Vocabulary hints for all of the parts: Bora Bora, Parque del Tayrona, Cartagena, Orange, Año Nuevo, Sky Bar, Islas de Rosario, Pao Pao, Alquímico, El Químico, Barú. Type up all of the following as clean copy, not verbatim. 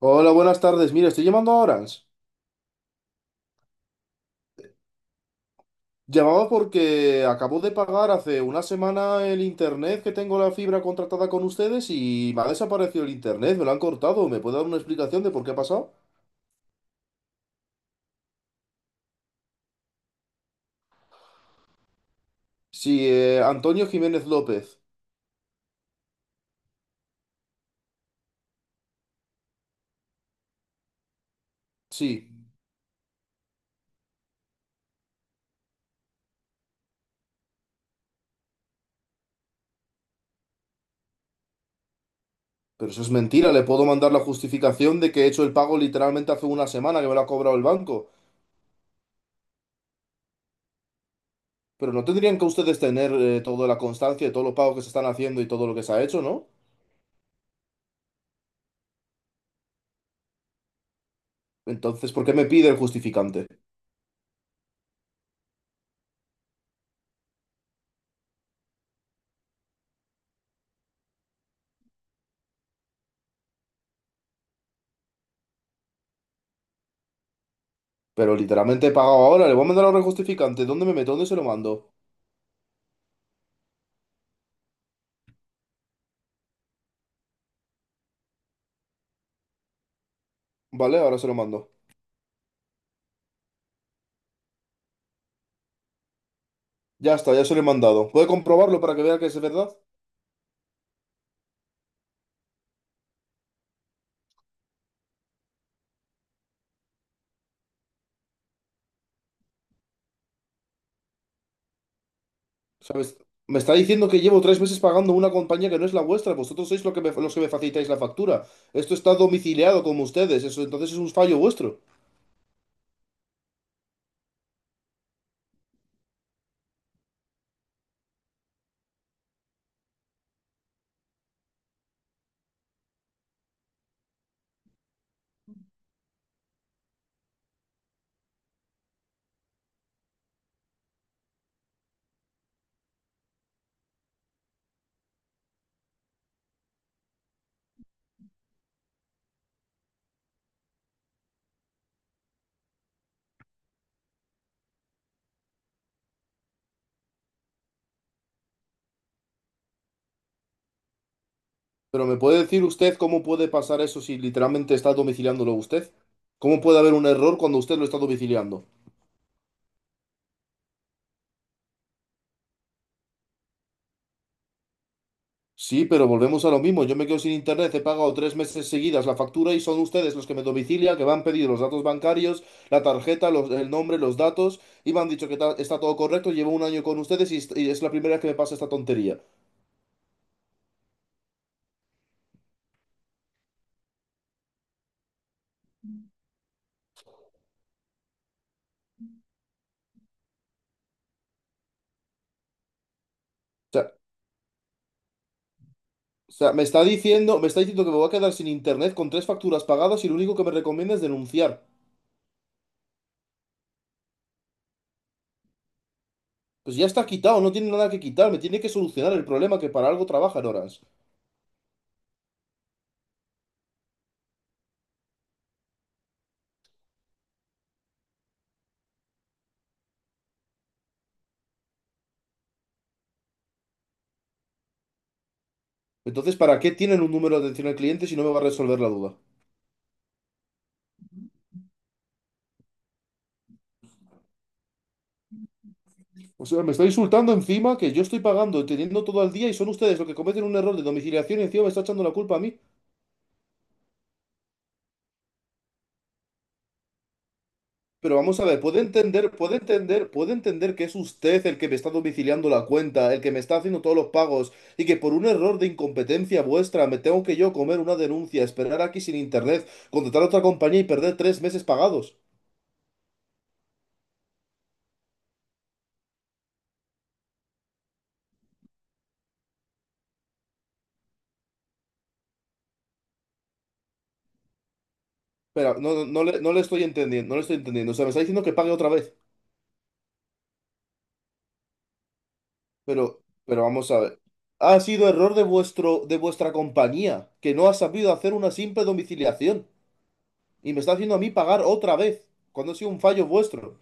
Hola, buenas tardes. Mira, estoy llamando a Orange. Llamaba porque acabo de pagar hace una semana el internet que tengo la fibra contratada con ustedes y me ha desaparecido el internet, me lo han cortado. ¿Me puede dar una explicación de por qué ha pasado? Sí, Antonio Jiménez López. Sí, pero eso es mentira. Le puedo mandar la justificación de que he hecho el pago literalmente hace una semana que me lo ha cobrado el banco. Pero no tendrían que ustedes tener toda la constancia de todos los pagos que se están haciendo y todo lo que se ha hecho, ¿no? Entonces, ¿por qué me pide el justificante? Pero literalmente he pagado ahora, le voy a mandar ahora el justificante. ¿Dónde me meto? ¿Dónde se lo mando? Vale, ahora se lo mando. Ya está, ya se lo he mandado. ¿Puede comprobarlo para que vea que es verdad? ¿Sabes? Me está diciendo que llevo tres meses pagando una compañía que no es la vuestra. Vosotros sois lo que los que me facilitáis la factura. Esto está domiciliado como ustedes. Eso entonces es un fallo vuestro. Pero ¿me puede decir usted cómo puede pasar eso si literalmente está domiciliándolo usted? ¿Cómo puede haber un error cuando usted lo está domiciliando? Sí, pero volvemos a lo mismo. Yo me quedo sin internet, he pagado tres meses seguidas la factura y son ustedes los que me domicilian, que me han pedido los datos bancarios, la tarjeta, el nombre, los datos y me han dicho que está todo correcto. Llevo un año con ustedes y, y es la primera vez que me pasa esta tontería. Sea, o sea, me está diciendo que me voy a quedar sin internet con tres facturas pagadas y lo único que me recomienda es denunciar. Pues ya está quitado, no tiene nada que quitar, me tiene que solucionar el problema que para algo trabajan horas. Entonces, ¿para qué tienen un número de atención al cliente si no me va a resolver la duda? O sea, me está insultando encima que yo estoy pagando, teniendo todo al día y son ustedes los que cometen un error de domiciliación y encima me está echando la culpa a mí. Pero vamos a ver, puede entender, puede entender, puede entender que es usted el que me está domiciliando la cuenta, el que me está haciendo todos los pagos y que por un error de incompetencia vuestra me tengo que yo comer una denuncia, esperar aquí sin internet, contratar a otra compañía y perder tres meses pagados. Pero no, no, no le estoy entendiendo, no le estoy entendiendo. O sea, me está diciendo que pague otra vez. Pero vamos a ver. Ha sido error de vuestro, de vuestra compañía, que no ha sabido hacer una simple domiciliación. Y me está haciendo a mí pagar otra vez, cuando ha sido un fallo vuestro.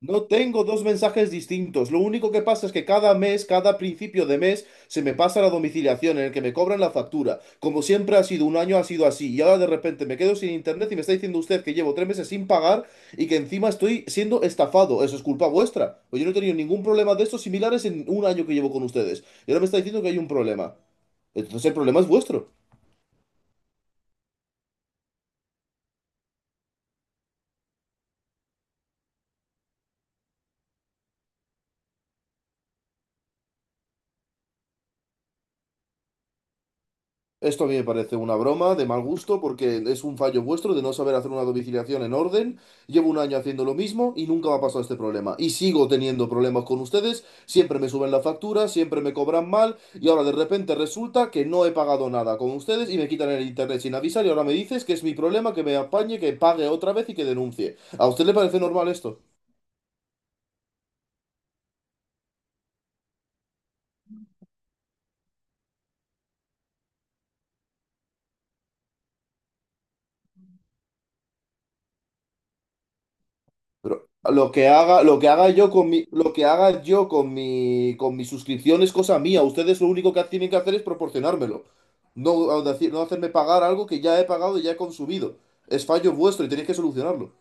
No tengo dos mensajes distintos. Lo único que pasa es que cada mes, cada principio de mes, se me pasa la domiciliación en el que me cobran la factura. Como siempre ha sido, un año ha sido así. Y ahora de repente me quedo sin internet y me está diciendo usted que llevo tres meses sin pagar y que encima estoy siendo estafado. Eso es culpa vuestra. Pues yo no he tenido ningún problema de estos similares en un año que llevo con ustedes. Y ahora me está diciendo que hay un problema. Entonces el problema es vuestro. Esto a mí me parece una broma de mal gusto porque es un fallo vuestro de no saber hacer una domiciliación en orden. Llevo un año haciendo lo mismo y nunca me ha pasado este problema. Y sigo teniendo problemas con ustedes. Siempre me suben la factura, siempre me cobran mal y ahora de repente resulta que no he pagado nada con ustedes y me quitan el internet sin avisar y ahora me dices que es mi problema, que me apañe, que pague otra vez y que denuncie. ¿A usted le parece normal esto? Pero lo que haga yo con mi, lo que haga yo con mi suscripción es cosa mía. Ustedes lo único que tienen que hacer es proporcionármelo. No, no hacerme pagar algo que ya he pagado y ya he consumido. Es fallo vuestro y tenéis que solucionarlo.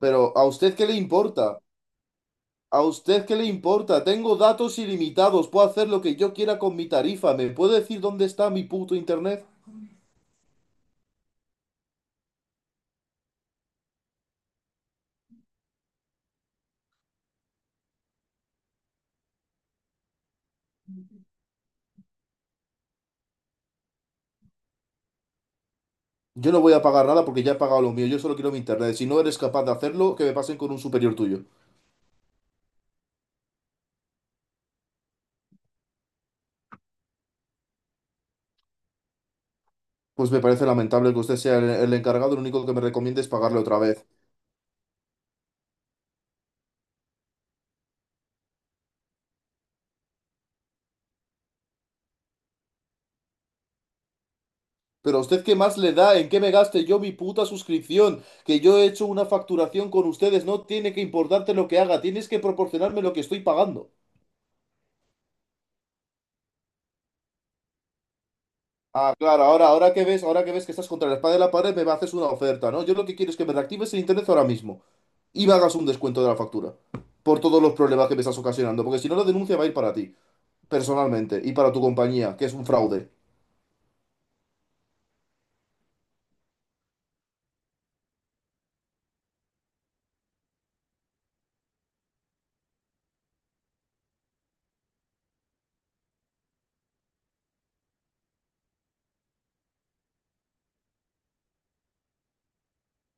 Pero ¿a usted qué le importa? ¿A usted qué le importa? Tengo datos ilimitados, puedo hacer lo que yo quiera con mi tarifa. ¿Me puede decir dónde está mi puto internet? Yo no voy a pagar nada porque ya he pagado lo mío. Yo solo quiero mi internet. Si no eres capaz de hacerlo, que me pasen con un superior tuyo. Pues me parece lamentable que usted sea el encargado, lo único que me recomienda es pagarle otra vez. Pero a usted qué más le da, en qué me gaste yo mi puta suscripción, que yo he hecho una facturación con ustedes, no tiene que importarte lo que haga, tienes que proporcionarme lo que estoy pagando. Ah, claro, ahora, ahora que ves que estás contra la espada de la pared, me haces una oferta, ¿no? Yo lo que quiero es que me reactives el internet ahora mismo y me hagas un descuento de la factura por todos los problemas que me estás ocasionando, porque si no la denuncia va a ir para ti, personalmente, y para tu compañía, que es un fraude.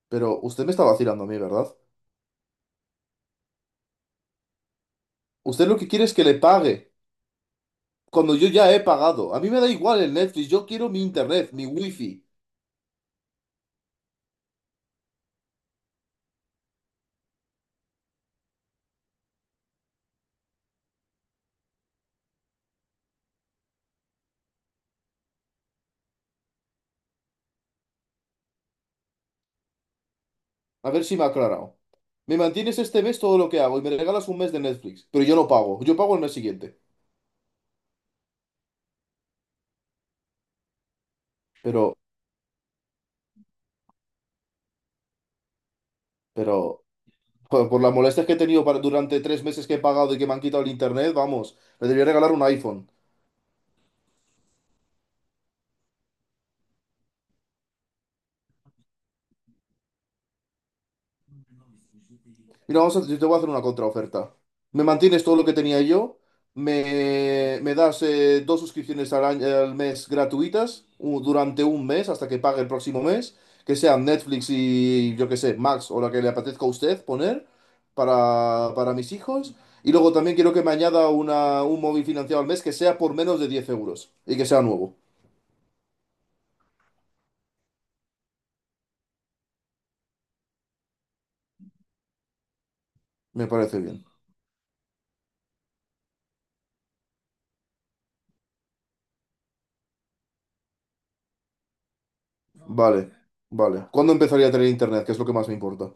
Pero usted me está vacilando a mí, ¿verdad? Usted lo que quiere es que le pague, cuando yo ya he pagado. A mí me da igual el Netflix, yo quiero mi internet, mi wifi. A ver si me ha aclarado. Me mantienes este mes todo lo que hago y me regalas un mes de Netflix, pero yo no pago, yo pago el mes siguiente. Pero, pero, joder, por las molestias que he tenido durante tres meses que he pagado y que me han quitado el internet, vamos, le debería regalar un iPhone. Mira, yo te voy a hacer una contraoferta. Me mantienes todo lo que tenía yo, me das dos suscripciones al mes gratuitas durante un mes hasta que pague el próximo mes, que sean Netflix y yo que sé, Max o la que le apetezca a usted poner para mis hijos. Y luego también quiero que me añada un móvil financiado al mes que sea por menos de 10 € y que sea nuevo. Me parece bien. Vale, vale. ¿Cuándo empezaría a tener internet? Que es lo que más me importa.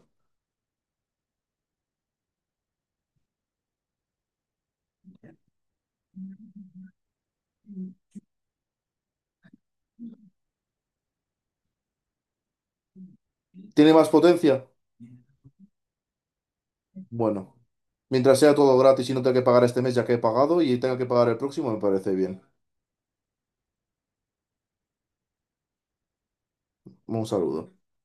¿Tiene más potencia? Bueno, mientras sea todo gratis y no tenga que pagar este mes ya que he pagado y tenga que pagar el próximo, me parece bien. Un saludo.